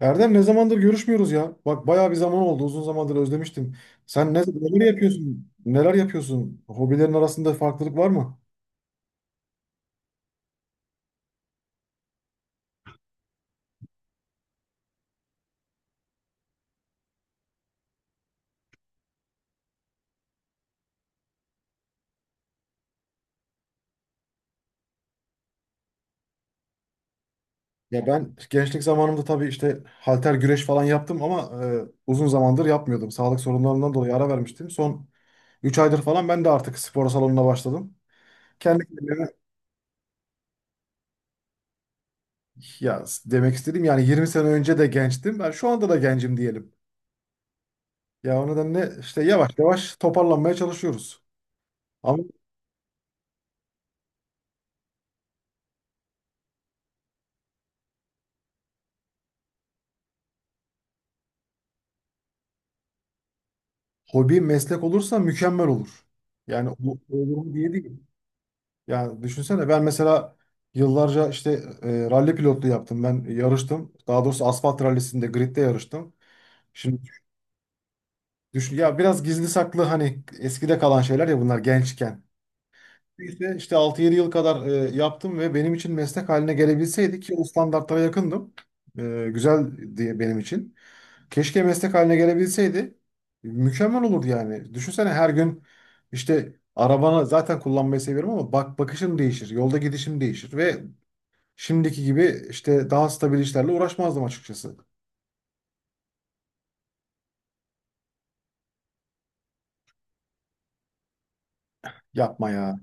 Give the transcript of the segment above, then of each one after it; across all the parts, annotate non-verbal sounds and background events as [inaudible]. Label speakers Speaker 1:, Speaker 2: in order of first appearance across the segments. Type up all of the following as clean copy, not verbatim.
Speaker 1: Erdem, ne zamandır görüşmüyoruz ya. Bak bayağı bir zaman oldu. Uzun zamandır özlemiştim. Sen neler yapıyorsun? Neler yapıyorsun? Hobilerin arasında farklılık var mı? Ya ben gençlik zamanımda tabii işte halter güreş falan yaptım ama uzun zamandır yapmıyordum. Sağlık sorunlarından dolayı ara vermiştim. Son 3 aydır falan ben de artık spor salonuna başladım. Kendi kendime Ya demek istediğim yani 20 sene önce de gençtim. Ben şu anda da gencim diyelim. Ya o nedenle işte yavaş yavaş toparlanmaya çalışıyoruz. Hobi meslek olursa mükemmel olur. Yani olur mu diye değil. Yani düşünsene ben mesela yıllarca işte ralli pilotluğu yaptım. Ben yarıştım. Daha doğrusu asfalt rallisinde gridde yarıştım. Şimdi düşün ya biraz gizli saklı hani eskide kalan şeyler ya bunlar gençken. İşte, 6-7 yıl kadar yaptım ve benim için meslek haline gelebilseydi ki o standartlara yakındım. Güzel diye benim için. Keşke meslek haline gelebilseydi. Mükemmel olurdu yani. Düşünsene her gün işte arabanı zaten kullanmayı seviyorum ama bak bakışım değişir, yolda gidişim değişir ve şimdiki gibi işte daha stabil işlerle uğraşmazdım açıkçası. Yapma ya.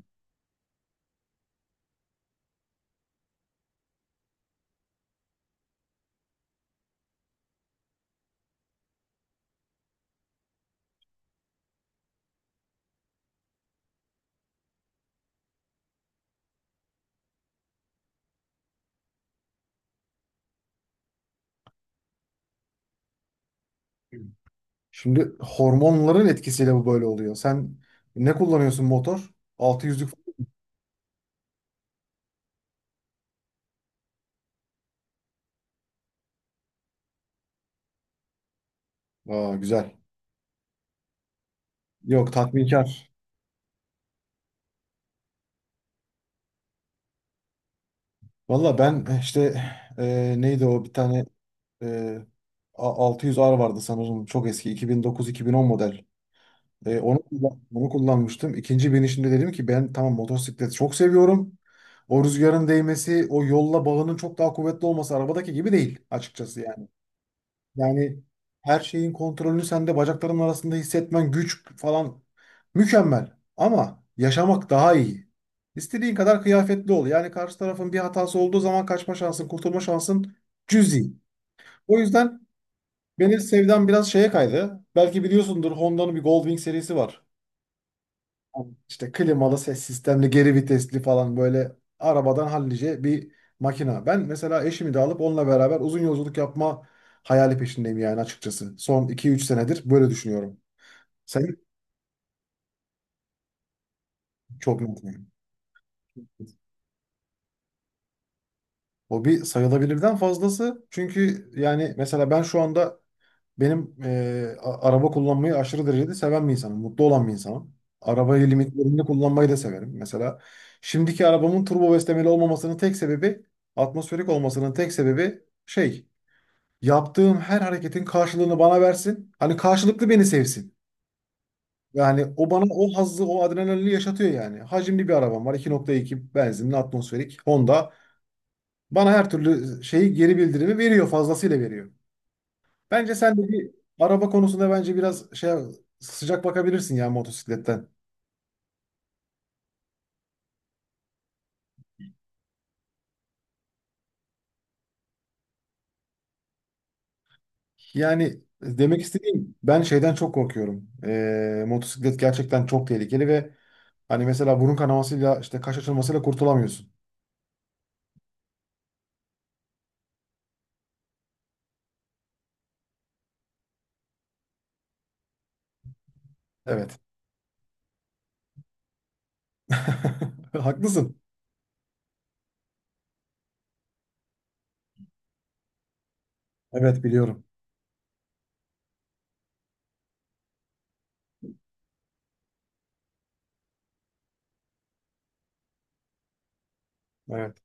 Speaker 1: Şimdi hormonların etkisiyle bu böyle oluyor. Sen ne kullanıyorsun motor? 600'lük. Aa, güzel. Yok, tatminkar. Valla ben işte neydi o bir tane e, 600R vardı sanırım. Çok eski 2009-2010 model. Onu kullanmıştım. İkinci binişimde dedim ki ben tamam, motosikleti çok seviyorum. O rüzgarın değmesi, o yolla bağının çok daha kuvvetli olması, arabadaki gibi değil açıkçası yani. Yani her şeyin kontrolünü sende bacakların arasında hissetmen, güç falan mükemmel. Ama yaşamak daha iyi. İstediğin kadar kıyafetli ol. Yani karşı tarafın bir hatası olduğu zaman kaçma şansın, kurtulma şansın cüzi. O yüzden benim sevdam biraz şeye kaydı. Belki biliyorsundur, Honda'nın bir Goldwing serisi var. Tamam, İşte klimalı, ses sistemli, geri vitesli falan, böyle arabadan hallice bir makina. Ben mesela eşimi de alıp onunla beraber uzun yolculuk yapma hayali peşindeyim yani açıkçası. Son 2-3 senedir böyle düşünüyorum. Sen çok mutluyum. O bir sayılabilirden fazlası. Çünkü yani mesela ben şu anda. Araba kullanmayı aşırı derecede seven bir insanım. Mutlu olan bir insanım. Arabayı limitlerinde kullanmayı da severim. Mesela şimdiki arabamın turbo beslemeli olmamasının tek sebebi, atmosferik olmasının tek sebebi şey, yaptığım her hareketin karşılığını bana versin. Hani karşılıklı beni sevsin. Yani o bana o hazzı, o adrenalini yaşatıyor yani. Hacimli bir arabam var. 2,2 benzinli atmosferik Honda. Bana her türlü şeyi, geri bildirimi veriyor, fazlasıyla veriyor. Bence sen de bir araba konusunda bence biraz şey, sıcak bakabilirsin ya motosikletten. Yani demek istediğim, ben şeyden çok korkuyorum. Motosiklet gerçekten çok tehlikeli ve hani mesela burun kanamasıyla, işte kaş açılmasıyla kurtulamıyorsun. Evet. [laughs] Haklısın. Evet, biliyorum. Evet.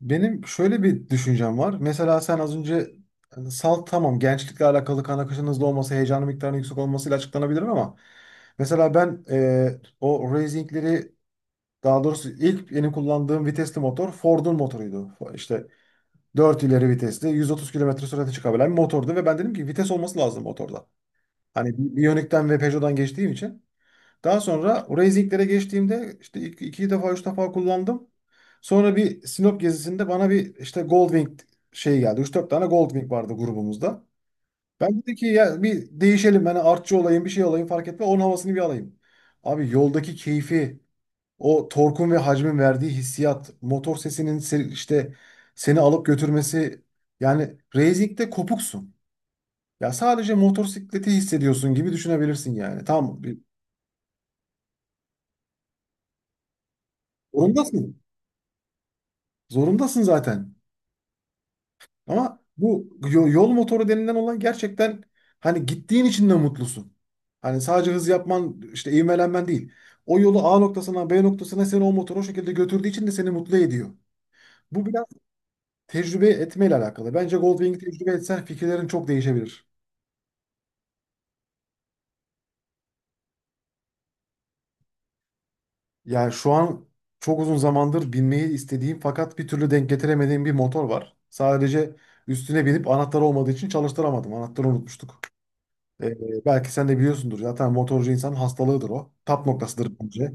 Speaker 1: Benim şöyle bir düşüncem var. Mesela sen az önce, hani salt tamam, gençlikle alakalı kan akışının hızlı olması, heyecanın miktarının yüksek olmasıyla açıklanabilir ama mesela ben e, o racingleri Daha doğrusu ilk benim kullandığım vitesli motor Ford'un motoruydu. İşte 4 ileri vitesli, 130 kilometre sürate çıkabilen bir motordu ve ben dedim ki vites olması lazım motorda. Hani Bionic'ten ve Peugeot'dan geçtiğim için. Daha sonra racinglere geçtiğimde işte iki defa, üç defa kullandım. Sonra bir Sinop gezisinde bana bir işte Goldwing şey geldi. Üç 4 tane Goldwing vardı grubumuzda. Ben dedi ki ya bir değişelim, ben artçı olayım, bir şey olayım fark etme, onun havasını bir alayım. Abi yoldaki keyfi, o torkun ve hacmin verdiği hissiyat, motor sesinin işte seni alıp götürmesi, yani racing'de kopuksun. Ya sadece motosikleti hissediyorsun gibi düşünebilirsin yani. Zorundasın. Zorundasın zaten. Ama bu yol motoru denilen olan, gerçekten hani gittiğin için de mutlusun. Hani sadece hız yapman, işte ivmelenmen değil. O yolu A noktasına, B noktasına seni o motor o şekilde götürdüğü için de seni mutlu ediyor. Bu biraz tecrübe etmeyle alakalı. Bence Goldwing'i tecrübe etsen fikirlerin çok değişebilir. Yani şu an çok uzun zamandır binmeyi istediğim fakat bir türlü denk getiremediğim bir motor var. Sadece üstüne binip anahtarı olmadığı için çalıştıramadım. Anahtarı unutmuştuk. Belki sen de biliyorsundur. Zaten motorcu insanın hastalığıdır o. Tap noktasıdır bence.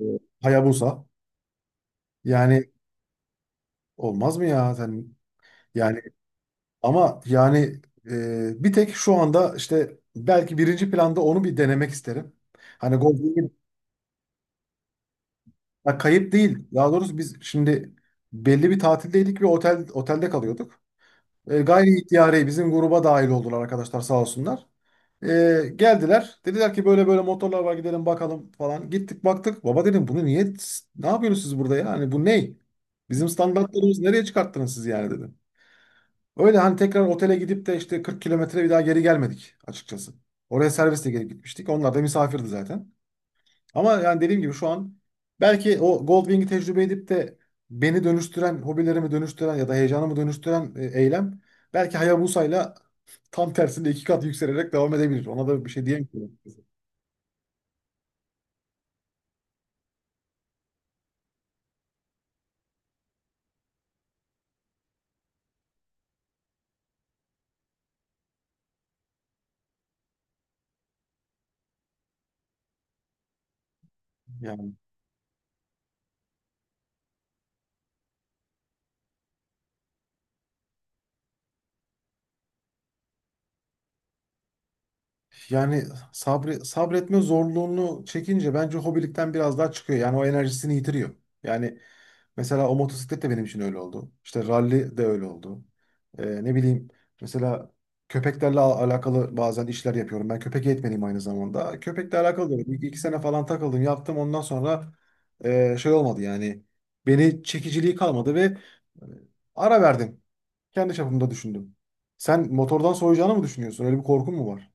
Speaker 1: Ee, Hayabusa. Yani olmaz mı ya sen? Yani ama bir tek şu anda işte belki birinci planda onu bir denemek isterim. Hani Goldwing'i. Ya kayıp değil. Daha doğrusu biz şimdi belli bir tatildeydik ve otel, otelde kalıyorduk. Gayri ihtiyari bizim gruba dahil oldular arkadaşlar sağ olsunlar. E, Geldiler. Dediler ki böyle böyle motorlar var, gidelim bakalım falan. Gittik, baktık. Baba dedim bunu niye, ne yapıyorsunuz siz burada ya? Hani bu ney? Bizim standartlarımızı nereye çıkarttınız siz yani dedim. Öyle hani tekrar otele gidip de işte 40 kilometre bir daha geri gelmedik açıkçası. Oraya servisle gelip gitmiştik. Onlar da misafirdi zaten. Ama yani dediğim gibi şu an belki o Goldwing'i tecrübe edip de beni dönüştüren, hobilerimi dönüştüren ya da heyecanımı dönüştüren eylem belki Hayabusa'yla tam tersinde 2 kat yükselerek devam edebilir. Ona da bir şey diyemiyorum. Yani, yani, sabretme zorluğunu çekince bence hobilikten biraz daha çıkıyor. Yani o enerjisini yitiriyor. Yani mesela o motosiklet de benim için öyle oldu. İşte ralli de öyle oldu. Ne bileyim, mesela köpeklerle alakalı bazen işler yapıyorum. Ben köpek eğitmeniyim aynı zamanda. Köpekle alakalı da iki sene falan takıldım, yaptım. Ondan sonra şey olmadı yani. Beni çekiciliği kalmadı ve e, ara verdim. Kendi çapımda düşündüm. Sen motordan soğuyacağını mı düşünüyorsun? Öyle bir korkun mu var?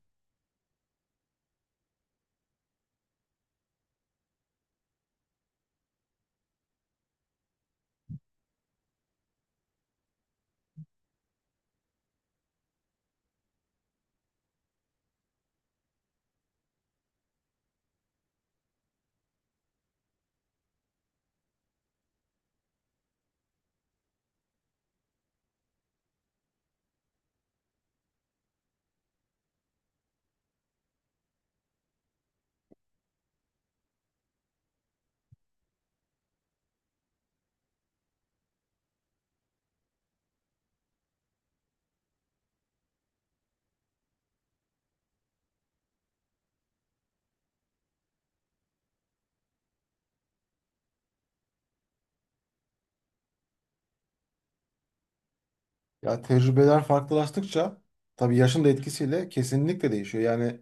Speaker 1: Ya tecrübeler farklılaştıkça tabii yaşın da etkisiyle kesinlikle değişiyor. Yani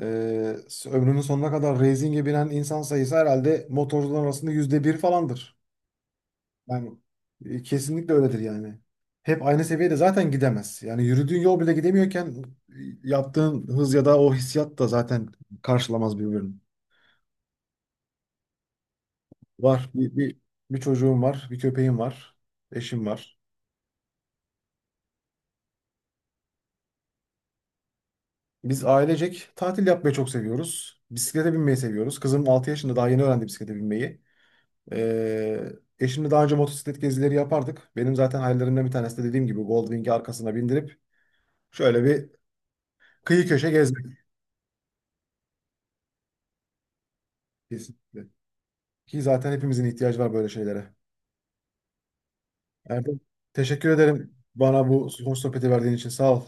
Speaker 1: Ee, ömrünün sonuna kadar racing'e binen insan sayısı herhalde motorcular arasında %1 falandır. Yani kesinlikle öyledir yani. Hep aynı seviyede zaten gidemez. Yani yürüdüğün yol bile gidemiyorken e, yaptığın hız ya da o hissiyat da zaten karşılamaz birbirini. Var. Bir çocuğum var, bir köpeğim var, eşim var. Biz ailecek tatil yapmayı çok seviyoruz. Bisiklete binmeyi seviyoruz. Kızım 6 yaşında, daha yeni öğrendi bisiklete binmeyi. Ee, Eşimle daha önce motosiklet gezileri yapardık. Benim zaten hayallerimden bir tanesi de dediğim gibi Goldwing'i arkasına bindirip şöyle bir kıyı köşe gezmek, kesinlikle. Ki zaten hepimizin ihtiyacı var böyle şeylere. Erdem, teşekkür ederim bana bu hoş sohbeti verdiğin için. Sağ ol.